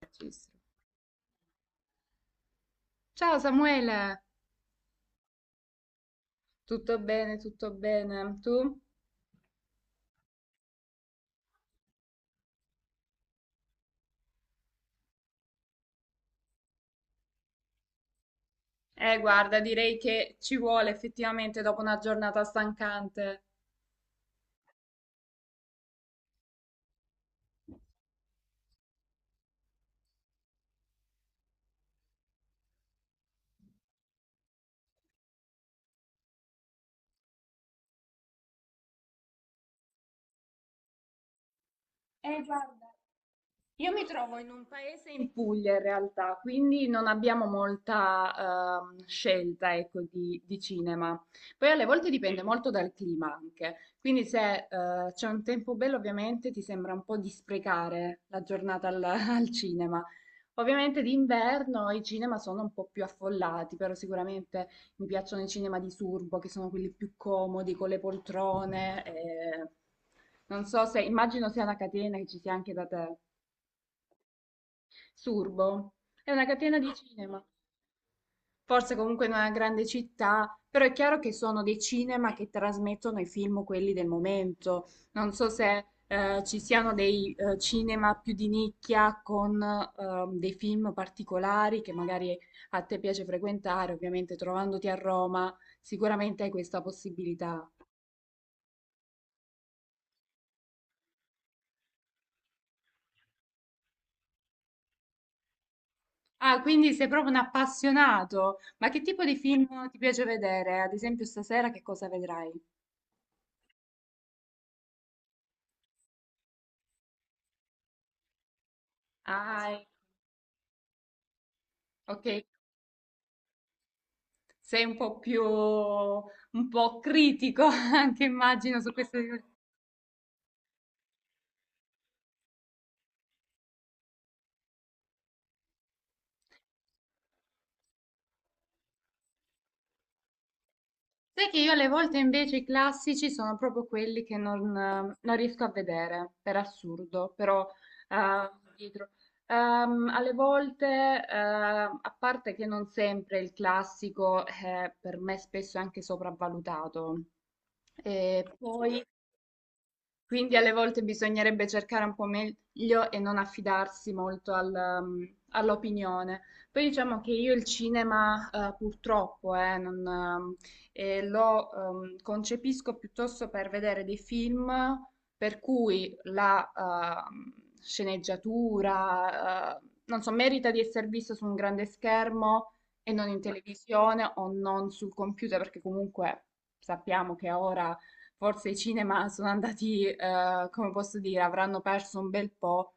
Registro. Ciao Samuele, tutto bene, tutto bene. Tu? Guarda, direi che ci vuole effettivamente dopo una giornata stancante. Guarda. Io mi trovo in un paese in Puglia in realtà, quindi non abbiamo molta scelta, ecco, di cinema. Poi alle volte dipende molto dal clima anche, quindi se c'è un tempo bello ovviamente ti sembra un po' di sprecare la giornata al, al cinema. Ovviamente d'inverno i cinema sono un po' più affollati, però sicuramente mi piacciono i cinema di Surbo, che sono quelli più comodi, con le poltrone. Non so se, immagino sia una catena che ci sia anche da te. Surbo. È una catena di cinema, forse comunque in una grande città, però è chiaro che sono dei cinema che trasmettono i film quelli del momento. Non so se ci siano dei cinema più di nicchia con dei film particolari che magari a te piace frequentare, ovviamente trovandoti a Roma, sicuramente hai questa possibilità. Ah, quindi sei proprio un appassionato. Ma che tipo di film ti piace vedere? Ad esempio, stasera che cosa vedrai? Ah, ok. Sei un po' più, un po' critico anche immagino su queste dimensioni. Sai che io alle volte invece i classici sono proprio quelli che non riesco a vedere, per assurdo, però eh, dietro. Alle volte, a parte che non sempre il classico è per me spesso anche sopravvalutato, e poi quindi alle volte bisognerebbe cercare un po' meglio e non affidarsi molto all'opinione. Poi diciamo che io il cinema, purtroppo, non, lo concepisco piuttosto per vedere dei film per cui la sceneggiatura, non so, merita di essere visto su un grande schermo e non in televisione o non sul computer, perché comunque sappiamo che ora forse i cinema sono andati, come posso dire, avranno perso un bel po'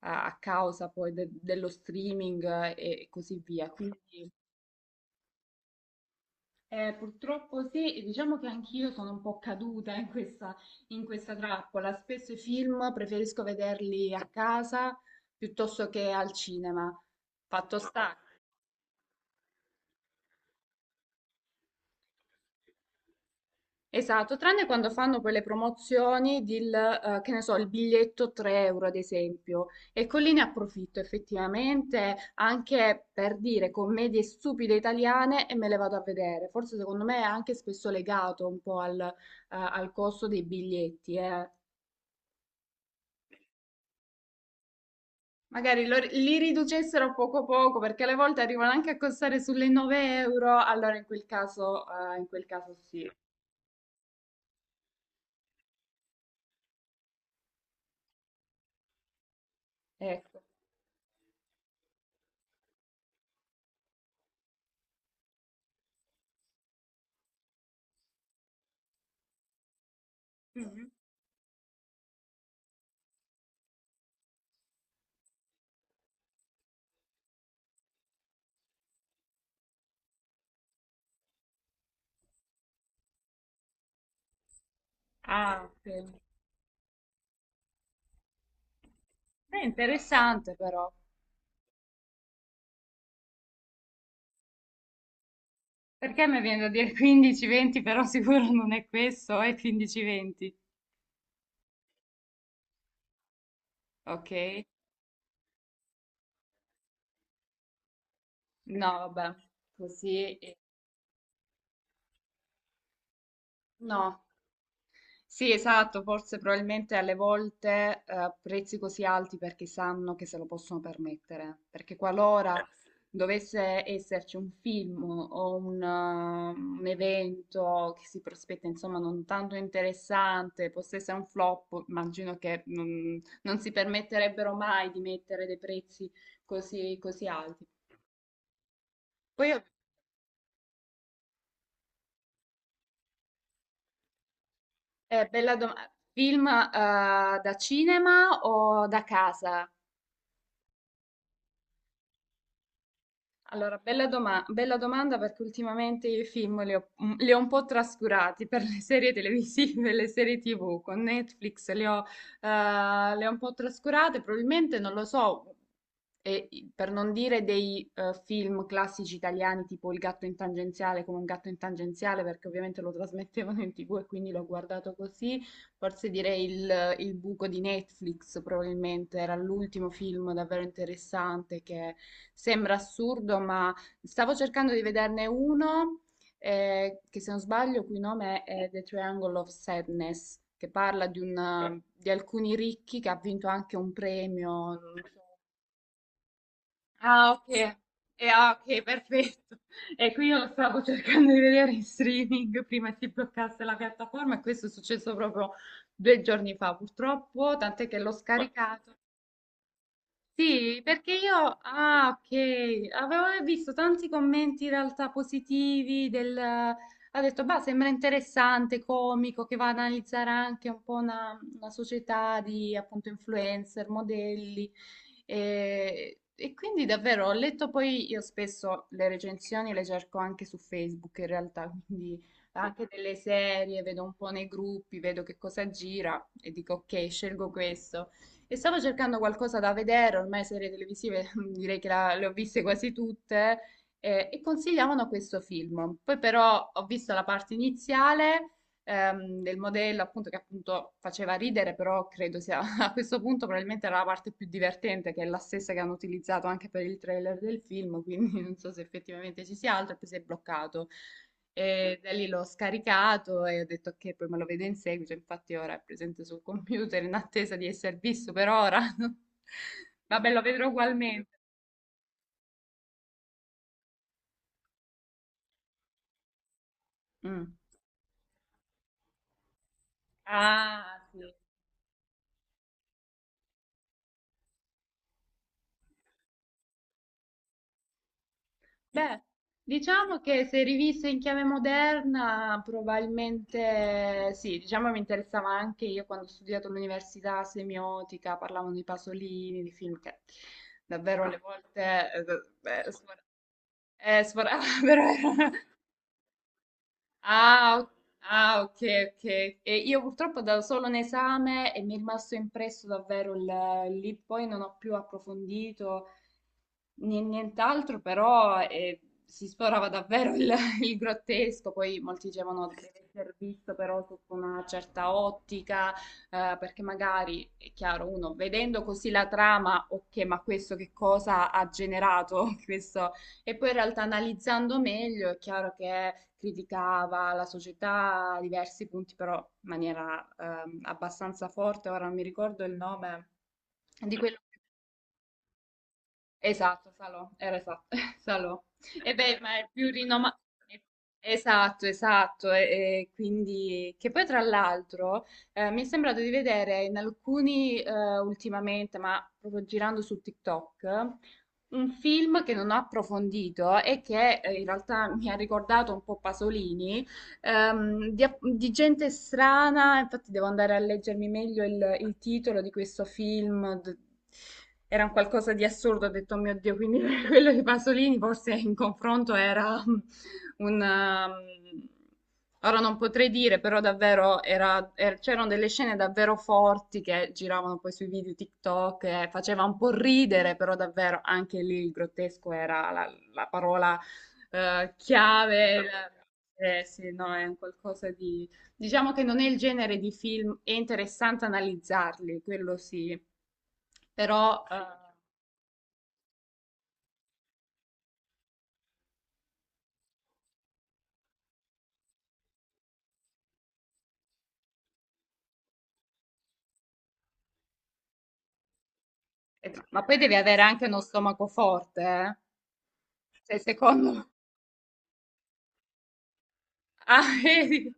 a causa poi dello streaming e così via. Quindi purtroppo sì, e diciamo che anch'io sono un po' caduta in questa trappola. Spesso i film preferisco vederli a casa piuttosto che al cinema. Fatto. Ah, sta. Esatto, tranne quando fanno quelle promozioni del, che ne so, il biglietto 3 euro ad esempio. Ecco lì ne approfitto effettivamente anche per dire commedie stupide italiane e me le vado a vedere. Forse secondo me è anche spesso legato un po' al costo dei biglietti, eh. Magari li riducessero a poco poco perché alle volte arrivano anche a costare sulle 9 euro, allora in quel caso sì. Ecco. Mhm. Ah, ok. È interessante però. Perché mi viene da dire 15-20, però sicuro non è questo, è 15-20. Ok? No, vabbè, così. No, sì, esatto, forse probabilmente alle volte prezzi così alti perché sanno che se lo possono permettere, perché qualora dovesse esserci un film o un evento che si prospetta, insomma, non tanto interessante, possa essere un flop, immagino che non si permetterebbero mai di mettere dei prezzi così, così alti. Poi, bella domanda, film da cinema o da casa? Allora, bella domanda perché ultimamente io i film li ho un po' trascurati per le serie televisive, le serie TV con Netflix, li ho, le ho un po' trascurate, probabilmente non lo so, e, per non dire dei film classici italiani tipo Il gatto in tangenziale come un gatto in tangenziale perché ovviamente lo trasmettevano in TV e quindi l'ho guardato così forse direi il buco di Netflix, probabilmente era l'ultimo film davvero interessante che sembra assurdo, ma stavo cercando di vederne uno che se non sbaglio, cui nome è The Triangle of Sadness, che parla di alcuni ricchi che ha vinto anche un premio, non so. Ah, ok. Ah, ok, perfetto. E qui io lo stavo cercando di vedere in streaming prima si bloccasse la piattaforma e questo è successo proprio 2 giorni fa, purtroppo, tant'è che l'ho Ma scaricato sì, perché io, ah, ok, avevo visto tanti commenti in realtà positivi del, ha detto, bah, sembra interessante, comico, che va ad analizzare anche un po' una società di appunto influencer, modelli. E quindi davvero ho letto poi, io spesso le recensioni le cerco anche su Facebook in realtà, quindi anche delle serie, vedo un po' nei gruppi, vedo che cosa gira e dico, ok, scelgo questo. E stavo cercando qualcosa da vedere, ormai serie televisive direi che le ho viste quasi tutte, e consigliavano questo film. Poi però ho visto la parte iniziale del modello, appunto, che appunto faceva ridere, però credo sia a questo punto probabilmente era la parte più divertente, che è la stessa che hanno utilizzato anche per il trailer del film, quindi non so se effettivamente ci sia altro, e poi si è bloccato. E da lì l'ho scaricato e ho detto che poi me lo vedo in seguito, infatti ora è presente sul computer in attesa di essere visto per ora. Vabbè, lo vedrò ugualmente. Mm. Ah, sì. Beh, diciamo che se rivista in chiave moderna, probabilmente sì, diciamo mi interessava anche io quando ho studiato all'università semiotica, parlavano di Pasolini, di film che davvero alle volte beh, sfor- sforava, però erano. Ah, ah, ok, ok. E io purtroppo ho dato solo un esame e mi è rimasto impresso davvero il. Lì, poi non ho più approfondito. Nient'altro, però si sforava davvero il, il grottesco, poi molti dicevano deve essere visto però sotto una certa ottica, perché magari, è chiaro, uno vedendo così la trama, ok, ma questo che cosa ha generato questo? E poi in realtà analizzando meglio è chiaro che criticava la società a diversi punti, però in maniera abbastanza forte, ora non mi ricordo il nome di quello. Esatto, Salò, era esatto, Salò. E beh, ma è più rinomato. Esatto, esatto. E quindi, che poi tra l'altro mi è sembrato di vedere in alcuni ultimamente, ma proprio girando su TikTok, un film che non ho approfondito e che in realtà mi ha ricordato un po' Pasolini ehm, di, di gente strana, infatti devo andare a leggermi meglio il titolo di questo film. Era un qualcosa di assurdo, ho detto, "Oh mio Dio, quindi quello di Pasolini forse in confronto era un... ehm, Ora non potrei dire, però davvero c'erano delle scene davvero forti che giravano poi sui video TikTok, e faceva un po' ridere, però davvero anche lì il grottesco era la parola chiave. Sì, no, è un qualcosa di. Diciamo che non è il genere di film, è interessante analizzarli, quello sì. Però, ma poi devi avere anche uno stomaco forte, eh. Cioè, secondo. Ah, vedi?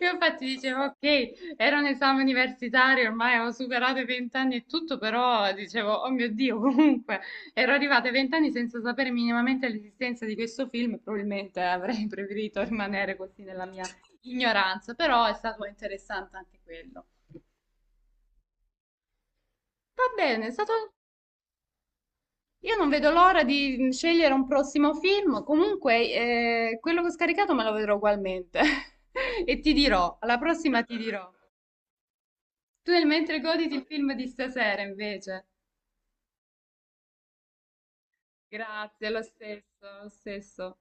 Io infatti dicevo, ok, era un esame universitario, ormai avevo superato i vent'anni e tutto, però dicevo, oh mio Dio, comunque ero arrivata ai vent'anni senza sapere minimamente l'esistenza di questo film, e probabilmente avrei preferito rimanere così nella mia ignoranza, però è stato interessante anche quello. Va bene, è stato. Io non vedo l'ora di scegliere un prossimo film, comunque quello che ho scaricato me lo vedrò ugualmente e ti dirò, alla prossima ti dirò. Tu nel mentre goditi il film di stasera, invece. Grazie, lo stesso, lo stesso.